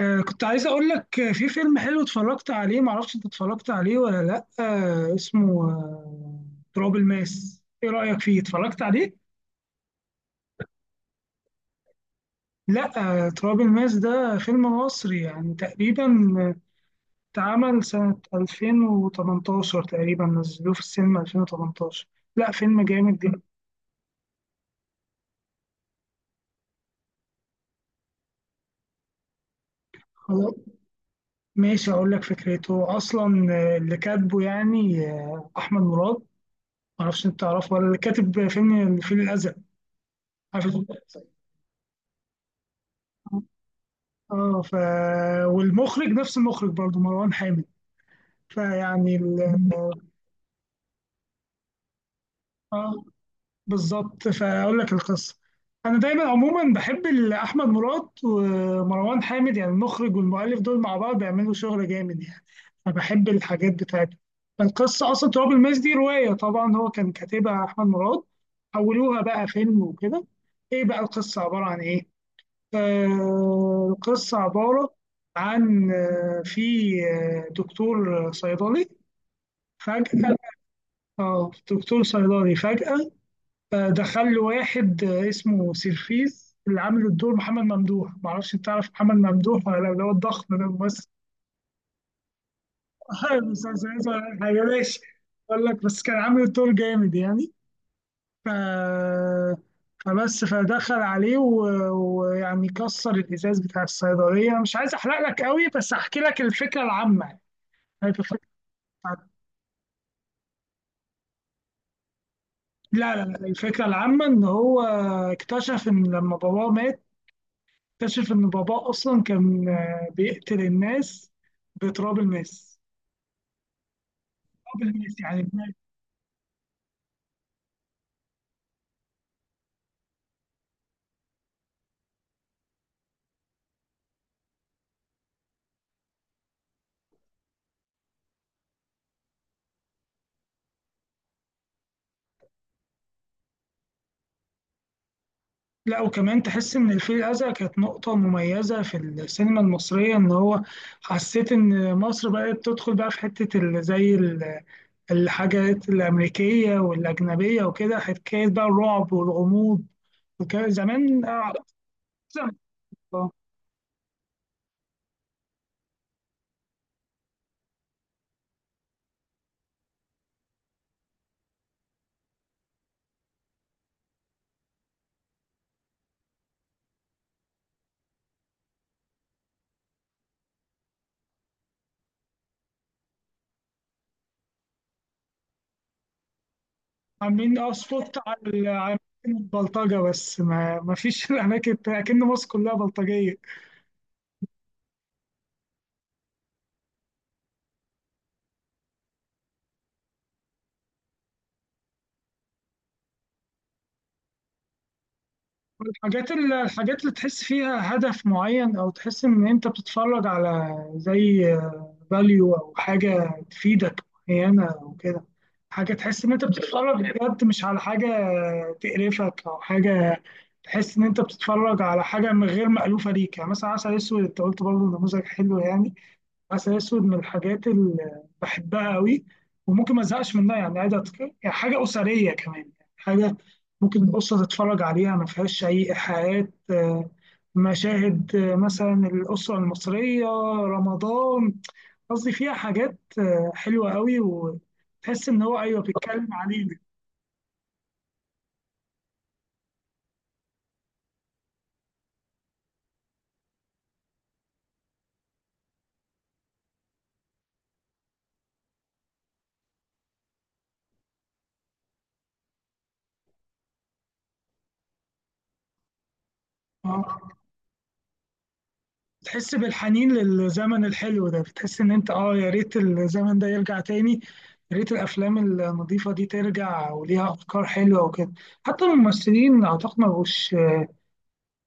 كنت عايز اقول لك، في فيلم حلو اتفرجت عليه. معرفش انت اتفرجت عليه ولا لا، اسمه تراب الماس. ايه رأيك فيه؟ اتفرجت عليه؟ لا. تراب الماس ده فيلم مصري يعني تقريبا. آه، اتعمل سنة 2018 تقريبا. نزلوه في السينما 2018. لا فيلم جامد جدا. خلاص، ماشي اقول لك فكرته. اصلا، اللي كاتبه يعني، احمد مراد. معرفش انت تعرفه ولا لا، اللي كاتب فيلم الفيل الازرق. عارف الفيل الأزرق؟ اه ف والمخرج نفس المخرج برضه مروان حامد. فيعني ال... اه بالظبط، فاقول لك القصه. انا دايما عموما بحب احمد مراد ومروان حامد، يعني المخرج والمؤلف دول مع بعض بيعملوا شغل جامد يعني. فبحب الحاجات بتاعتهم. القصه اصلا تراب الماس دي روايه، طبعا هو كان كاتبها احمد مراد، حولوها بقى فيلم وكده. ايه بقى القصه؟ عباره عن ايه؟ القصة عبارة عن، في، دكتور صيدلي فجأة. اه دكتور صيدلي فجأة، دخل له واحد، اسمه سيرفيس، اللي عامل الدور محمد ممدوح. معرفش انت تعرف محمد ممدوح ولا لا، اللي هو الضخم ده الممثل. المسلسل حاجة ماشي. اقول لك، بس كان عامل الدور جامد يعني. ف... فبس فدخل عليه ويعني كسر الازاز بتاع الصيدليه. مش عايز احرق لك قوي، بس احكي لك الفكره العامه يعني. عارف الفكرة العامة. لا لا لا، الفكره العامه ان هو اكتشف ان لما باباه مات، اكتشف ان باباه اصلا كان، بيقتل الناس بتراب الماس. تراب الماس يعني. لا وكمان تحس ان الفيل الازرق كانت نقطه مميزه في السينما المصريه، ان هو حسيت ان مصر بقت تدخل بقى في حته زي ال الحاجات الأمريكية والأجنبية وكده، حكاية بقى الرعب والغموض. وكان زمان، زمان، آه، عاملين سبوت على على البلطجة. بس ما فيش الأماكن التانية، أكن مصر كلها بلطجية. الحاجات اللي تحس فيها هدف معين، أو تحس إن أنت بتتفرج على زي فاليو او حاجه تفيدك معينه او كده. حاجه تحس ان انت بتتفرج بجد، مش على حاجه تقرفك او حاجه. تحس ان انت بتتفرج على حاجه من غير مألوفه ليك يعني. مثلا عسل اسود، انت قلت برضه نموذج حلو يعني. عسل اسود من الحاجات اللي بحبها قوي، وممكن ما ازهقش منها يعني عادي. يعني حاجه اسريه كمان، يعني حاجه ممكن الاسره تتفرج عليها، ما فيهاش اي ايحاءات، مشاهد، مثلا الاسره المصريه رمضان. قصدي فيها حاجات، حلوة قوي، وتحس إن هو أيوه بيتكلم علينا. اه، تحس بالحنين للزمن الحلو ده. بتحس إن أنت، يا ريت الزمن ده يرجع تاني. يا ريت الأفلام النظيفة دي ترجع وليها أفكار حلوة وكده. حتى الممثلين أعتقد ما بقوش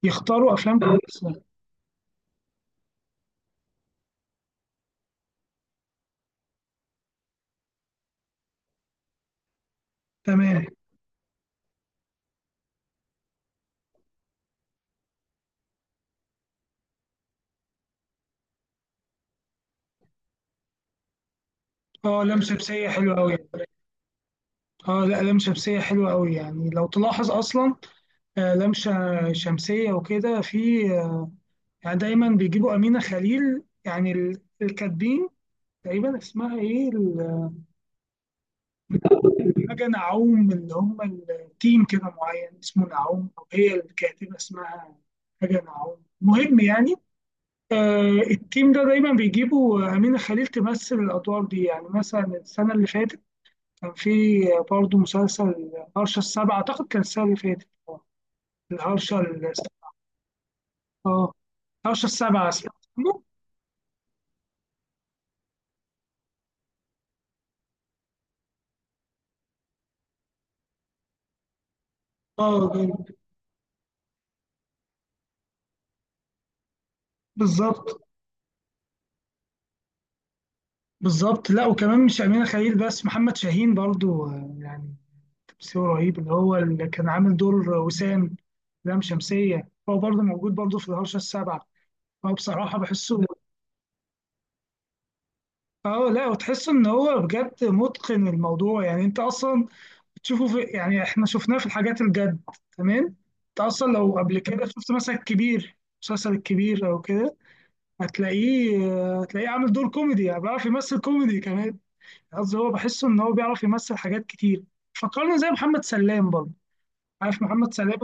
يختاروا أفلام كويسة. تمام. اه، لام شمسية حلوة قوي. اه لا، لام شمسية حلوة قوي، يعني لو تلاحظ أصلا، آه، لام ش- شمسية وكده، في يعني دايما بيجيبوا أمينة خليل، يعني الكاتبين. تقريبا اسمها ايه حاجة نعوم، اللي هم التيم كده معين اسمه نعوم، أو هي الكاتبة اسمها حاجة نعوم، مهم يعني. آه، التيم ده دايما بيجيبوا أمينة خليل تمثل الأدوار دي. يعني مثلا السنة اللي فاتت كان في برضه مسلسل هرشة السبعة، أعتقد كان السنة اللي فاتت، الهرشة ال- اه، هرشة السبعة اسمه. اه بالظبط. بالظبط، لا وكمان مش أمينة خليل بس، محمد شاهين برضو، يعني تمثيله رهيب، اللي هو اللي كان عامل دور وسام لام شمسية، هو برضو موجود برضو في الهرشة السابعة. هو بصراحة بحسه، اه لا، وتحس ان هو بجد متقن الموضوع يعني. انت اصلا تشوفه في، يعني احنا شفناه في الحاجات الجد. تمام. انت اصلا لو قبل كده شفت مثلا الكبير، المسلسل الكبير او كده، هتلاقيه، هتلاقيه عامل دور كوميدي، يعني بيعرف يمثل كوميدي كمان. قصدي هو بحسه ان هو بيعرف يمثل حاجات كتير. فكرنا زي محمد سلام برضه. عارف محمد سلام؟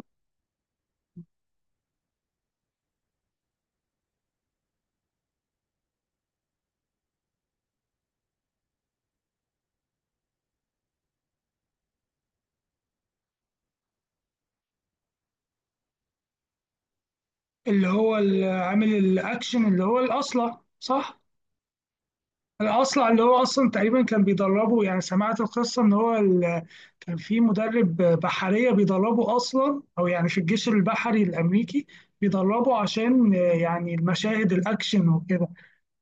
اللي هو عامل الاكشن، اللي هو الاصلع صح. الاصلع اللي هو اصلا تقريبا كان بيدربه. يعني سمعت القصه ان هو كان في مدرب بحريه بيدربه اصلا، او يعني في الجيش البحري الامريكي بيدربه عشان، يعني المشاهد الاكشن وكده.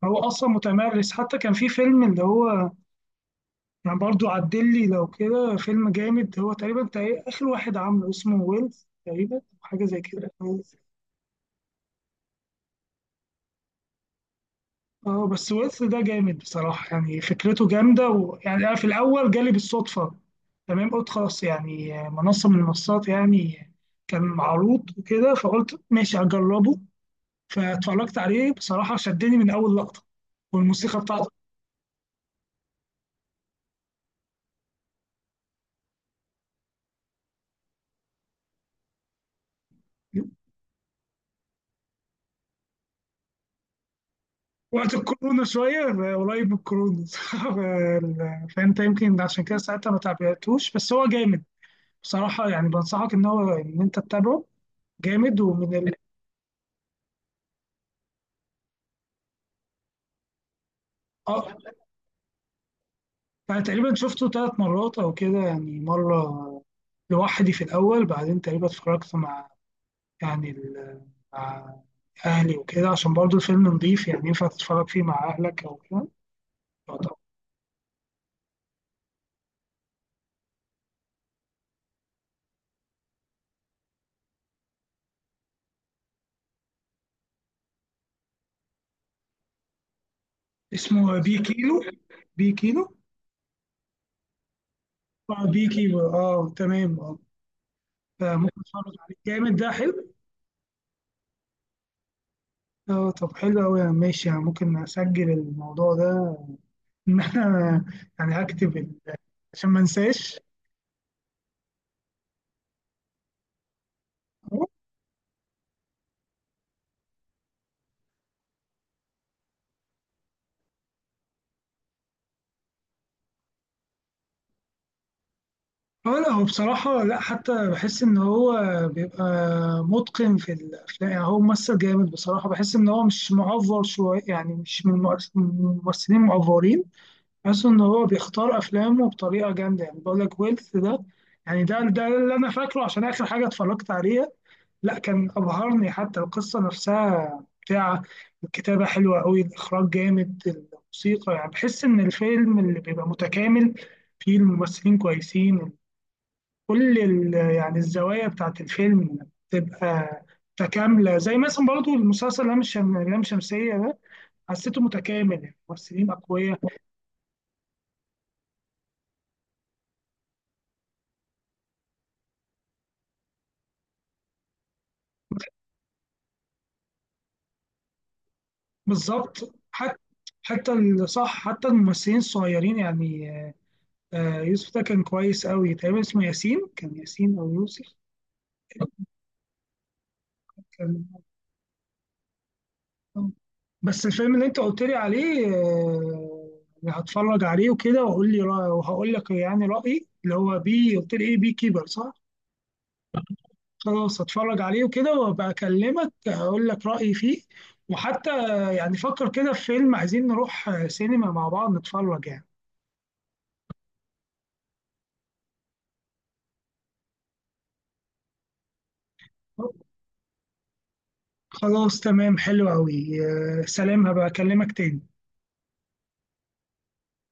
هو اصلا متمرس. حتى كان في فيلم اللي هو، يعني برضو عدل لي لو كده، فيلم جامد هو تقريبا اخر واحد عامله اسمه ويلز تقريبا، أو حاجه زي كده. اه بس ويلز ده جامد بصراحه. يعني فكرته جامده. ويعني انا في الاول جالي بالصدفه. تمام. قلت خلاص يعني، منصه من المنصات يعني كان معروض وكده، فقلت ماشي هجربه. فاتفرجت عليه، بصراحه شدني من اول لقطه، والموسيقى بتاعته. وقت الكورونا شوية، قريب من الكورونا. صعب، فانت يمكن عشان كده ساعتها ما تابعتوش، بس هو جامد بصراحة. يعني بنصحك ان هو ان انت تتابعه. جامد اه، يعني تقريبا شفته ثلاث مرات او كده. يعني مرة لوحدي في الاول، بعدين تقريبا اتفرجت مع، يعني ال... مع اهلي وكده، عشان برضو الفيلم نضيف، يعني ينفع تتفرج فيه مع اهلك او كده. اسمه بي كيلو. بي كيلو. اه بي كيلو. اه تمام. اه، فممكن اتفرج عليه جامد ده حلو. اه طب حلو قوي ماشي. يعني ممكن اسجل الموضوع ده، ان انا يعني اكتب عشان ما انساش. اه لا، هو بصراحة لا حتى بحس ان هو بيبقى متقن في الافلام. يعني هو ممثل جامد بصراحة، بحس ان هو مش معفر شوية، يعني مش من من الممثلين المعفرين. بحس ان هو بيختار افلامه بطريقة جامدة. يعني بقول لك ويلث ده يعني ده اللي انا فاكره عشان اخر حاجة اتفرجت عليها. لا كان أبهرني، حتى القصة نفسها بتاع الكتابة حلوة أوي، الإخراج جامد، الموسيقى، يعني بحس إن الفيلم اللي بيبقى متكامل فيه الممثلين كويسين. كل يعني الزوايا بتاعت الفيلم تبقى متكاملة، زي مثلا برضو المسلسل لام لام شمسية ده حسيته متكامل، الممثلين أقوياء. بالظبط، حتى، صح، حتى الممثلين الصغيرين يعني، يوسف ده كان كويس أوي، تقريبا اسمه ياسين، كان ياسين أو يوسف. كان- بس الفيلم اللي انت قلت لي عليه، يعني هتفرج عليه وكده واقول لي وهقول لك يعني رأيي. اللي هو بي قلت لي ايه؟ بي كيبر، صح؟ خلاص هتفرج عليه وكده وابقى اكلمك هقول لك رأيي فيه. وحتى يعني فكر كده في فيلم عايزين نروح، سينما مع بعض نتفرج يعني. خلاص تمام حلو قوي. سلام هبقى اكلمك تاني.